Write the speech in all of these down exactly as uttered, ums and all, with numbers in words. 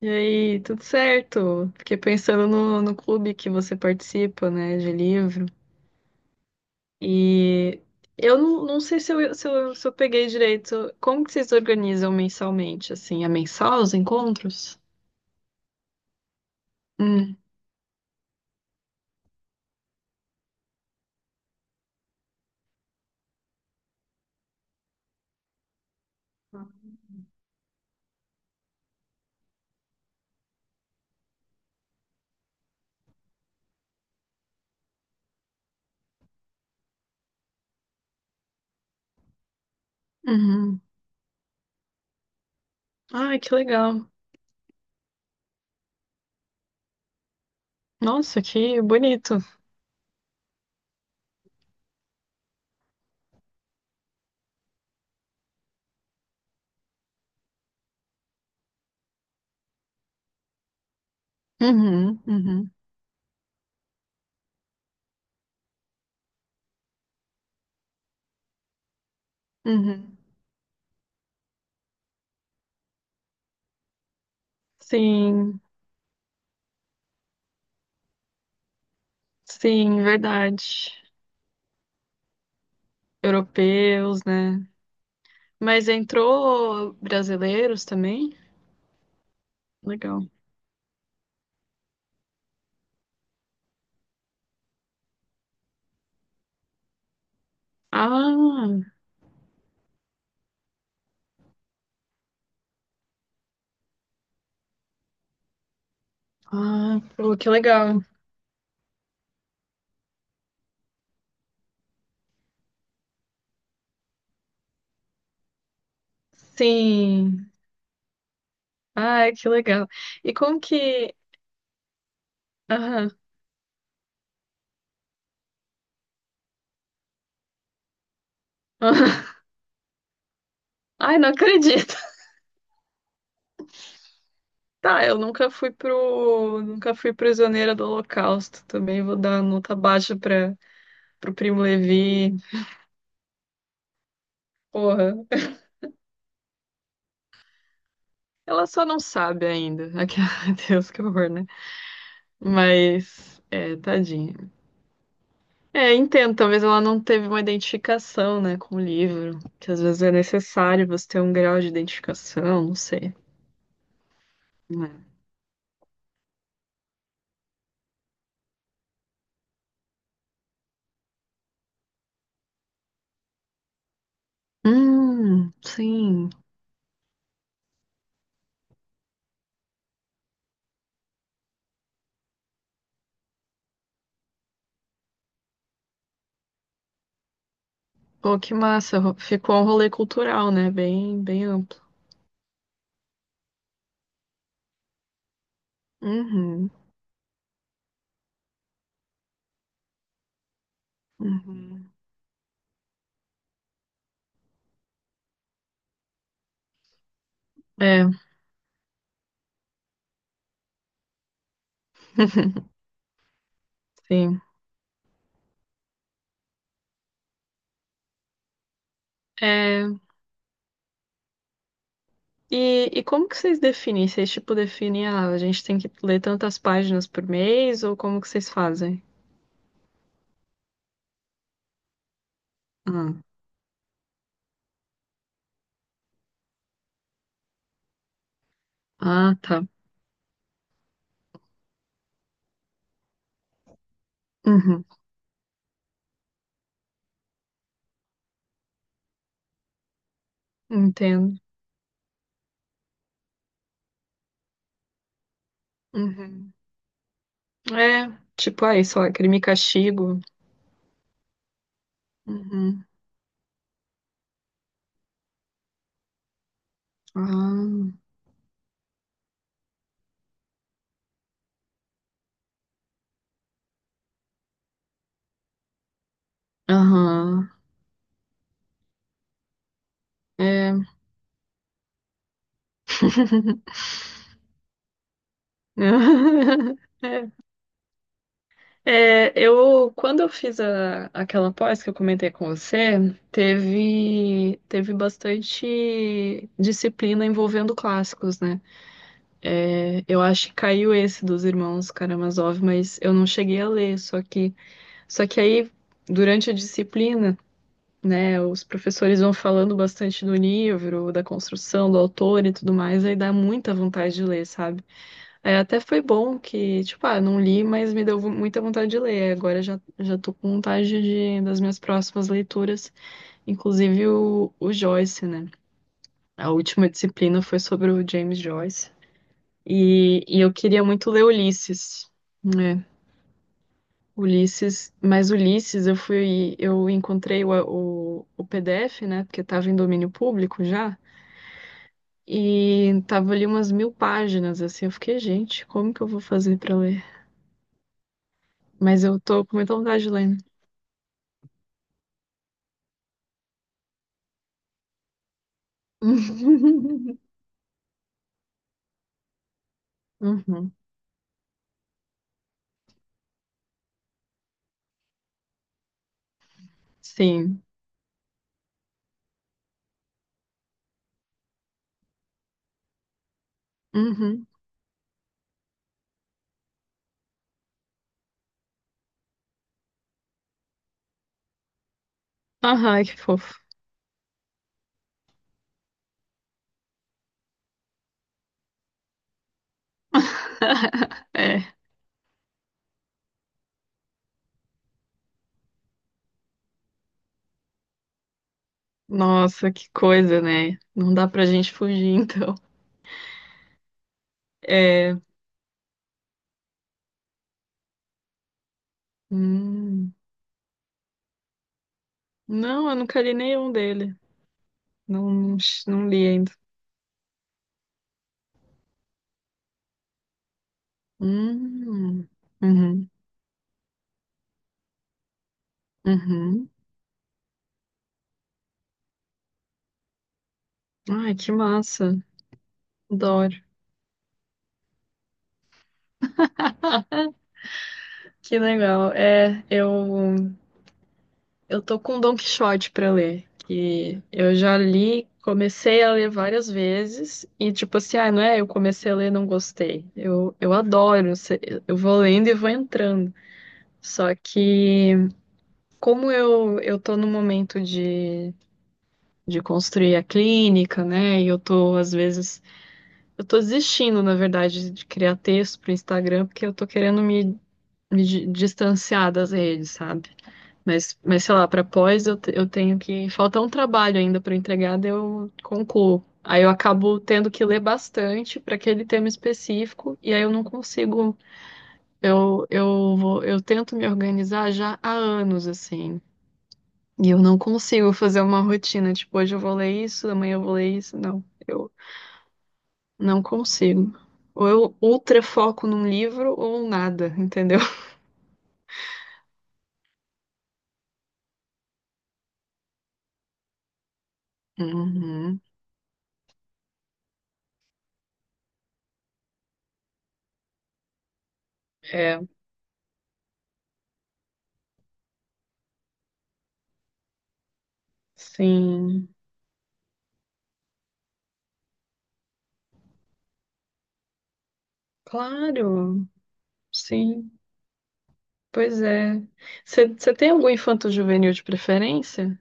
E aí, tudo certo? Fiquei pensando no, no clube que você participa, né, de livro. E eu não, não sei se eu, se eu, se eu peguei direito. Como que vocês organizam mensalmente, assim? É mensal os encontros? Hum, uhum. Ai, que legal. Nossa, que bonito. Uhum, uhum, uhum. Sim, sim, verdade. Europeus, né? Mas entrou brasileiros também? Legal. Ah, ah, pô, que legal. Sim. Ai, que legal. E como que. Aham, aham. Ai, não acredito. Tá, eu nunca fui pro. Nunca fui prisioneira do Holocausto. Também vou dar nota baixa pra pro Primo Levi. Porra. Ela só não sabe ainda. Aquela- Meu Deus, que horror, né? Mas. É, tadinha. É, entendo. Talvez ela não teve uma identificação, né, com o livro. Que às vezes é necessário você ter um grau de identificação, não sei. Né? Hum, sim. Pô, que massa. ro- Ficou um rolê cultural, né? Bem, bem amplo. Uhum, uhum. É, sim. É, e, e como que vocês definem? Vocês, tipo, definem, ah, a gente tem que ler tantas páginas por mês, ou como que vocês fazem? Ah, ah, tá. Uhum, entendo. Uhum. É, tipo, aí, sei lá, Crime e Castigo. Uhum. Ah, aham. É. É, eu, quando eu fiz a- aquela pós que eu comentei com você, teve, teve bastante disciplina envolvendo clássicos, né? É, eu acho que caiu esse dos Irmãos Karamazov, mas eu não cheguei a ler, só que, só que aí, durante a disciplina, né, os professores vão falando bastante do livro, da construção, do autor e tudo mais, aí dá muita vontade de ler, sabe? É, até foi bom que, tipo, ah, não li, mas me deu muita vontade de ler. Agora já, já tô com vontade de, das minhas próximas leituras, inclusive o, o Joyce, né? A última disciplina foi sobre o James Joyce. E, e eu queria muito ler Ulisses, né? Ulisses, mas Ulisses eu fui, eu encontrei o, o, o P D F, né? Porque tava em domínio público já. E tava ali umas mil páginas, assim. Eu fiquei, gente, como que eu vou fazer pra ler? Mas eu tô com muita vontade de ler. Uhum. Uhum. Sim. Uhum. Ai, que fofo. É. Nossa, que coisa, né? Não dá pra gente fugir, então. É. Hum. Não, eu nunca li nenhum dele. Não, não, não li ainda. Hum. Uhum. Uhum. Ai, que massa. Adoro. Que legal. É, eu. Eu tô com Don Quixote pra ler, que eu já li, comecei a ler várias vezes e tipo assim, ah, não é, eu comecei a ler, e não gostei. Eu, eu adoro, se- eu vou lendo e vou entrando. Só que como eu eu tô no momento de de construir a clínica, né? E eu tô às vezes eu tô desistindo, na verdade, de criar texto pro Instagram porque eu tô querendo me me di- distanciar das redes, sabe? Mas, mas sei lá, para pós eu, te- eu tenho que. Falta um trabalho ainda para entregar, daí eu concluo. Aí eu acabo tendo que ler bastante para aquele tema específico, e aí eu não consigo. Eu, eu vou, eu tento me organizar já há anos, assim. E eu não consigo fazer uma rotina, tipo, hoje eu vou ler isso, amanhã eu vou ler isso. Não, eu não consigo. Ou eu ultra foco num livro ou nada, entendeu? Uhum. É, sim. Claro, sim. Pois é. Você você tem algum infanto-juvenil de preferência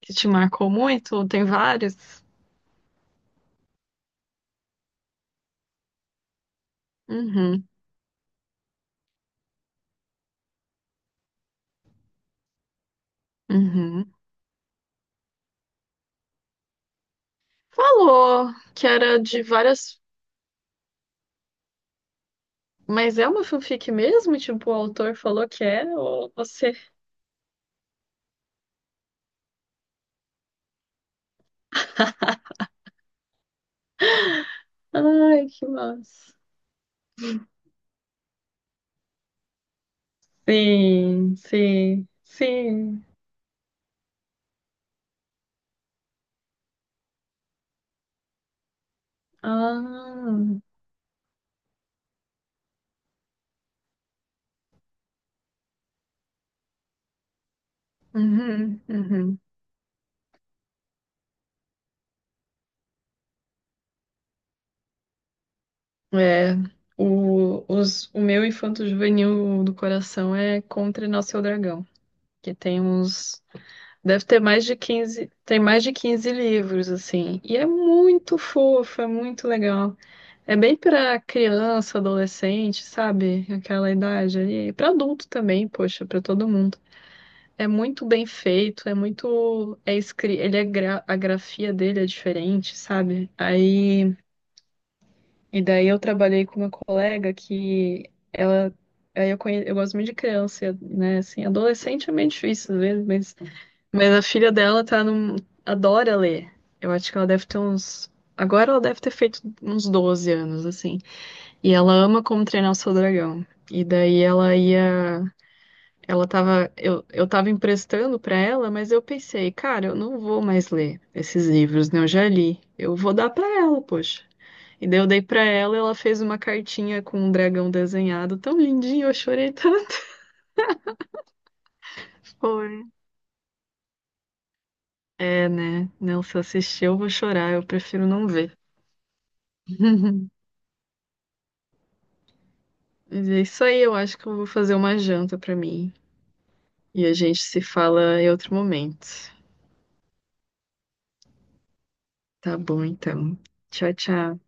que te marcou muito? Ou tem vários? Uhum, uhum. Falou que era de várias. Mas é uma fanfic mesmo? Tipo, o autor falou que é? Ou você. Ai, que massa. Sim, sim, sim. Ah, uhum, uhum. É. O, os, o meu infanto-juvenil do coração é Contra Nosso Dragão, que tem uns. Deve ter mais de quinze Tem mais de quinze livros, assim. E é muito fofo, é muito legal. É bem pra criança, adolescente, sabe? Aquela idade ali. E pra adulto também, poxa, pra todo mundo. É muito bem feito, é muito. É escri... Ele é gra... A grafia dele é diferente, sabe? Aí. E daí eu trabalhei com uma colega que ela. Aí eu, conhe... eu gosto muito de criança, né? Assim, adolescente é meio difícil, às vezes, meio mas a filha dela tá num... adora ler. Eu acho que ela deve ter uns. Agora ela deve ter feito uns doze anos, assim. E ela ama Como Treinar o Seu Dragão. E daí ela ia. Ela tava. Eu, eu tava emprestando pra ela, mas eu pensei, cara, eu não vou mais ler esses livros, né? Eu já li. Eu vou dar pra ela, poxa. E daí eu dei pra ela, ela fez uma cartinha com um dragão desenhado tão lindinho, eu chorei tanto. Foi. É, né? Não, se eu assistir, eu vou chorar, eu prefiro não ver. Mas é isso aí, eu acho que eu vou fazer uma janta pra mim. E a gente se fala em outro momento. Tá bom, então. Tchau, tchau.